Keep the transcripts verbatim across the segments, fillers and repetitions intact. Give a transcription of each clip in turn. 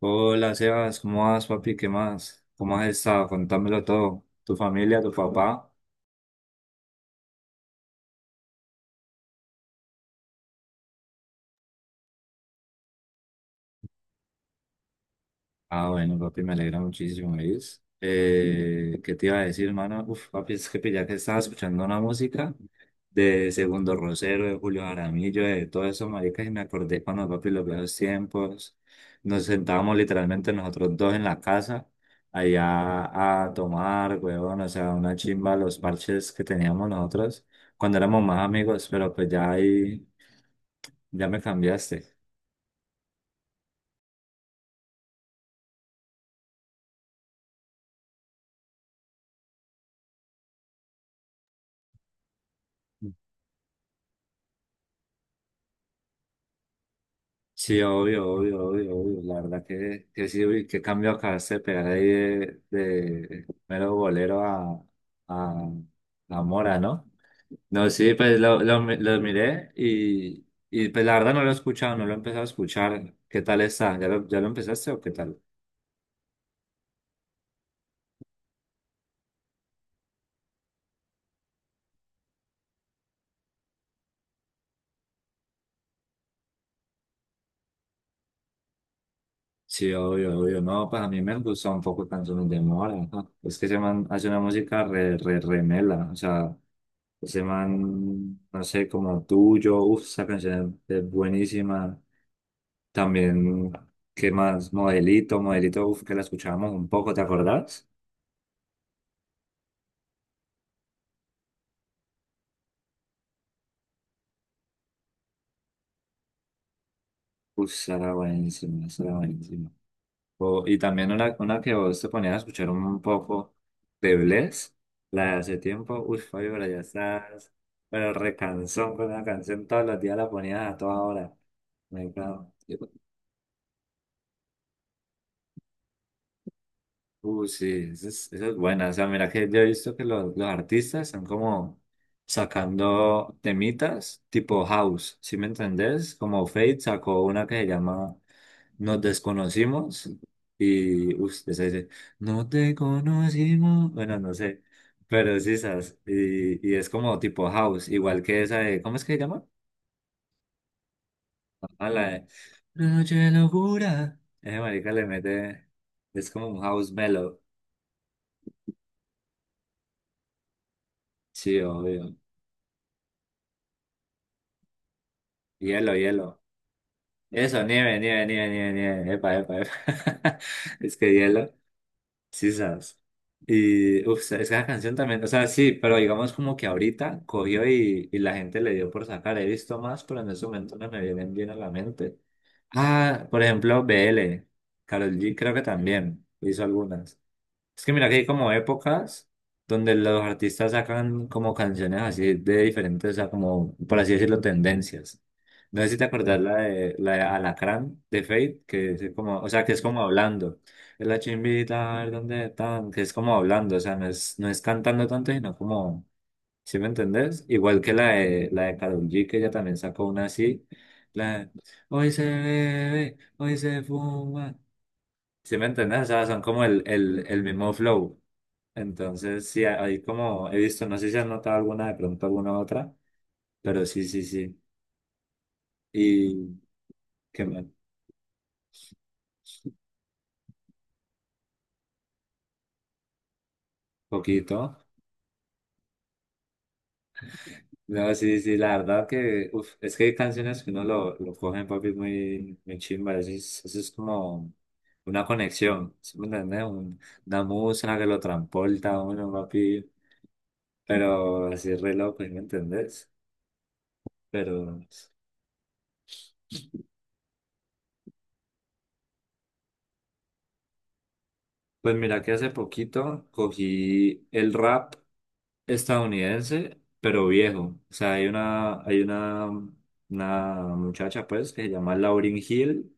Hola Sebas, ¿cómo vas, papi? ¿Qué más? ¿Cómo has estado? Contámelo todo. ¿Tu familia, tu papá? Ah, bueno, papi, me alegra muchísimo, ¿ves? Eh, ¿qué te iba a decir, hermano? Uf, papi, es que ya que estaba escuchando una música de Segundo Rosero, de Julio Jaramillo, de todo eso, maricas, y me acordé cuando, papi, los viejos tiempos, nos sentábamos literalmente nosotros dos en la casa, allá a tomar, huevón, o sea, una chimba, los parches que teníamos nosotros cuando éramos más amigos, pero pues ya ahí, ya me cambiaste. Sí, obvio, obvio, obvio, obvio. La verdad que, que sí, uy, qué cambio acabaste de pegar ahí de, de mero bolero a, a, a Mora, ¿no? No, sí, pues lo, lo, mi- lo miré y, y pues la verdad no lo he escuchado, no lo he empezado a escuchar. ¿Qué tal está? ¿Ya lo, ya lo empezaste o qué tal? Sí, obvio, obvio. No, pues a mí me gusta un poco Canciones de Mora. Ajá. Es que se man hace una música re, re, re mela. O sea, ese man, no sé, como tuyo. Uf, esa canción es buenísima. También, ¿qué más? Modelito, Modelito, uf, que la escuchábamos un poco, ¿te acordás? Uf, esa era buenísima, esa era buenísima. O- y también una, una que vos te ponías a escuchar un, un poco de Bless, la de hace tiempo, uy, Fabio, pero ya estás, pero recansón con una canción, todos los días la ponías a toda hora. Me encanta. Uh, sí, esa es, esa es buena. O sea, mira que yo he visto que los, los artistas están como sacando temitas tipo house, ¿sí me entendés? Como Fate sacó una que se llama Nos desconocimos y uff se dice, no te conocimos. Bueno, no sé, pero sí, esas. Y, y es como tipo house, igual que esa de, ¿cómo es que se llama? Ah, la de Una noche de locura. Ese marica le mete, es como un house mellow. Sí, obvio. Hielo, hielo. Eso, nieve, nieve, nieve, nieve, nieve. Epa, epa, epa. Es que hielo, sí sabes. Y, uff, es que la canción también, o sea, sí, pero digamos como que ahorita cogió y, y la gente le dio por sacar. He visto más, pero en ese momento no me vienen bien a la mente. Ah, por ejemplo, B L. Karol G creo que también hizo algunas. Es que mira que hay como épocas donde los artistas sacan como canciones así de diferentes, o sea, como, por así decirlo, tendencias. No sé si te acordás la de, la de Alacrán de Fate, que es como, o sea, que es como hablando. Es la chimbita, a ver dónde están, que es como hablando, o sea, no es, no es cantando tanto, sino como, ¿sí me entendés? Igual que la de, la de Karol G, que ella también sacó una así, la de, hoy se bebe, hoy se fuma. ¿Sí me entendés? O sea, son como el, el, el mismo flow. Entonces, sí, ahí como he visto, no sé si has notado alguna, de pronto alguna otra, pero sí, sí, sí. Y qué mal, poquito. No, sí, sí, la verdad que, uf, es que hay canciones que uno lo, lo coge, papi, muy, muy chimba. Eso es, eso es como una conexión, ¿sí me entiendes? Un- una música que lo transporta a uno, papi, pero así re loco, ¿sí ¿me entendés? Pero, pues mira que hace poquito cogí el rap. Estadounidense, pero viejo. O sea, hay una, hay una, una muchacha, pues, que se llama Lauryn Hill,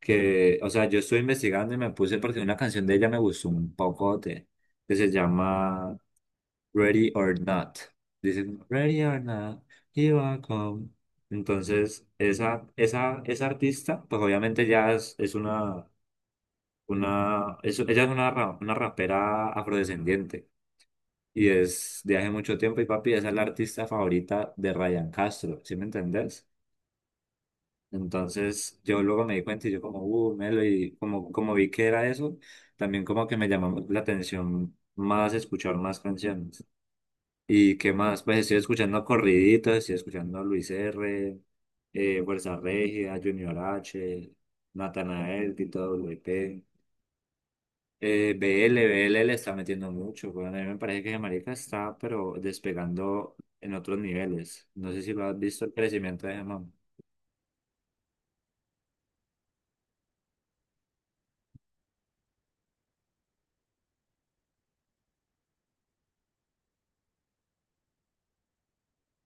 que, o sea, yo estuve investigando y me puse porque una canción de ella me gustó un pocote, que se llama Ready or Not. Dicen, Ready or Not, here I come. Entonces, esa, esa, esa artista, pues obviamente ya es, es una, una, es- ella es una, ra- una rapera afrodescendiente. Y es de hace mucho tiempo y papi, esa es la artista favorita de Ryan Castro, ¿sí me entendés? Entonces yo luego me di cuenta y yo como, uh, Melo, y como, como vi que era eso, también como que me llamó la atención más escuchar más canciones. ¿Y qué más? Pues estoy escuchando corriditos, estoy escuchando a Luis R, eh, Fuerza Regida, Junior H, Natanael, Tito W P. Eh, B L, B L le está metiendo mucho, weón. A mí me parece que ese marica está, pero despegando en otros niveles. No sé si lo has visto el crecimiento de ese man.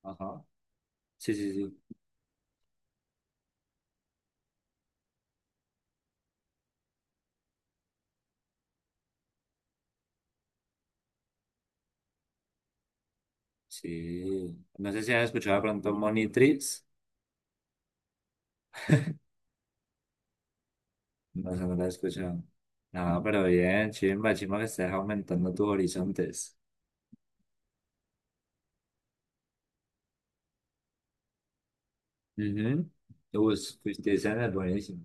Ajá. Sí, sí, sí. Sí. No sé si has escuchado de pronto Monitrix. No sé, no lo has escuchado. No, pero bien, chimba, chimba que estés aumentando tus horizontes. Mhm. Es buenísimo.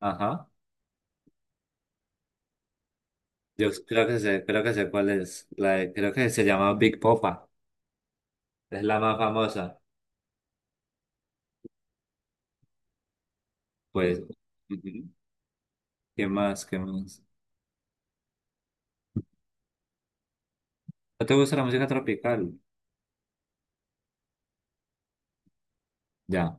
Ajá. Yo creo que sé, creo que sé cuál es. La de- creo que se llama Big Popa. Es la más famosa. Pues. Ujú. ¿Qué más? ¿Qué más? ¿No te gusta la música tropical? Ya,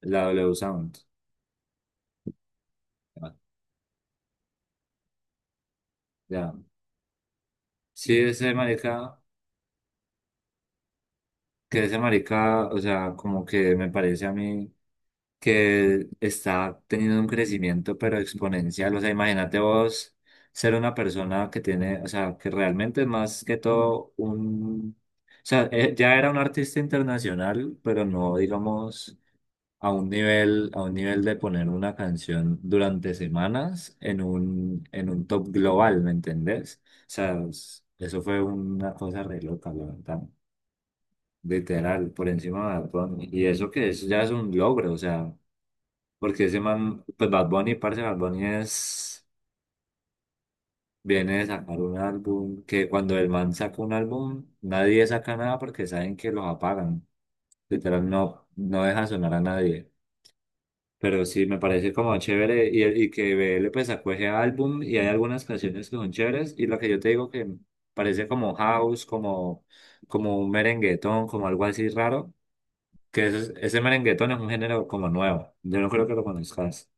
la W Sound. Ya. Ya. Sí, ese marica, que ese marica, o sea, como que me parece a mí que está teniendo un crecimiento, pero exponencial. O sea, imagínate vos ser una persona que tiene, o sea, que realmente es más que todo un... O sea, eh, ya era un artista internacional, pero no, digamos... A un nivel, a un nivel de poner una canción durante semanas en un, en un top global, ¿me entendés? O sea, es- eso fue una cosa re loca, la verdad. Literal, por encima de Bad Bunny. Y eso que eso ya es un logro, o sea, porque ese man, pues Bad Bunny, parce, Bad Bunny es, viene de sacar un álbum, que cuando el man saca un álbum, nadie saca nada porque saben que los apagan. Literal, no, no deja sonar a nadie. Pero sí, me parece como chévere y, y que B L pues sacó ese álbum y hay algunas canciones que son chéveres y lo que yo te digo que parece como house, como, como un merenguetón, como algo así raro, que ese, ese merenguetón es un género como nuevo, yo no creo que lo conozcas.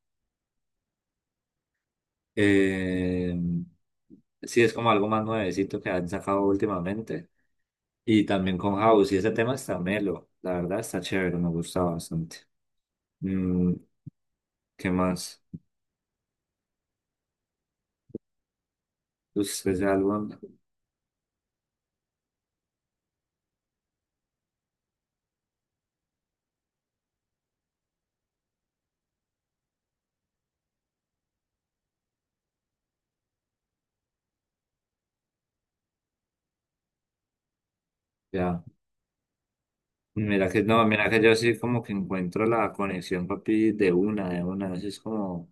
Eh, sí, es como algo más nuevecito que han sacado últimamente y también con house y ese tema está melo, la verdad está chévere, me gusta bastante. Mm, ¿Qué más? Pues, ese álbum, ya. Mira que no, mira que yo sí como que encuentro la conexión, papi, de una, de una, así es como,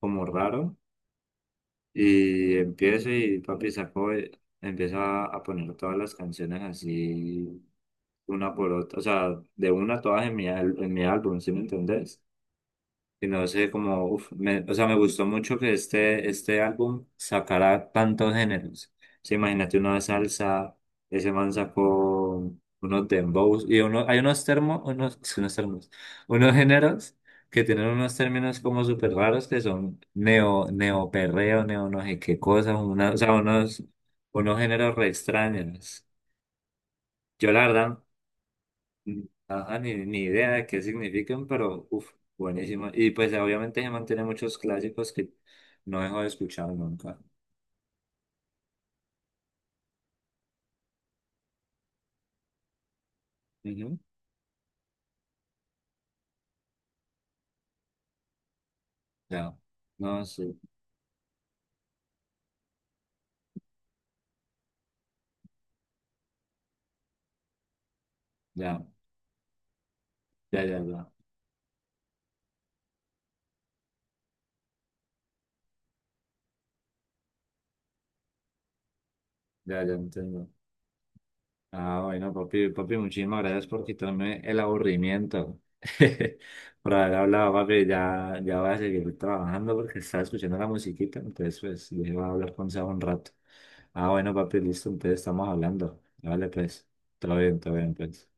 como raro. Y empiezo y papi saco, eh, empieza a poner todas las canciones así, una por otra, o sea, de una todas en mi, al- en mi álbum, ¿sí me entendés? Sino sé, como, uf, me- o sea, me gustó mucho que este, este álbum sacara tantos géneros. Sí, imagínate una salsa, ese man sacó unos dembows y uno, hay unos termos, unos, unos termos, unos géneros que tienen unos términos como súper raros que son neo, neoperreo, neo no sé qué cosas, una- o sea, unos, unos géneros re extraños. Yo la verdad ajá, ni, ni idea de qué significan, pero uff, buenísimo. Y pues obviamente se mantiene muchos clásicos que no dejo de escuchar nunca. Ujú. Ya, no, sí, ya, ya, ya, ya, ya, ya entiendo. Ah, bueno, papi, papi, muchísimas gracias por quitarme el aburrimiento. Por haber hablado, papi, ya, ya voy a seguir trabajando porque estaba escuchando la musiquita, entonces pues dije, voy a hablar con Seba un rato. Ah, bueno, papi, listo, entonces estamos hablando. Vale, pues, todo bien, todo bien, pues.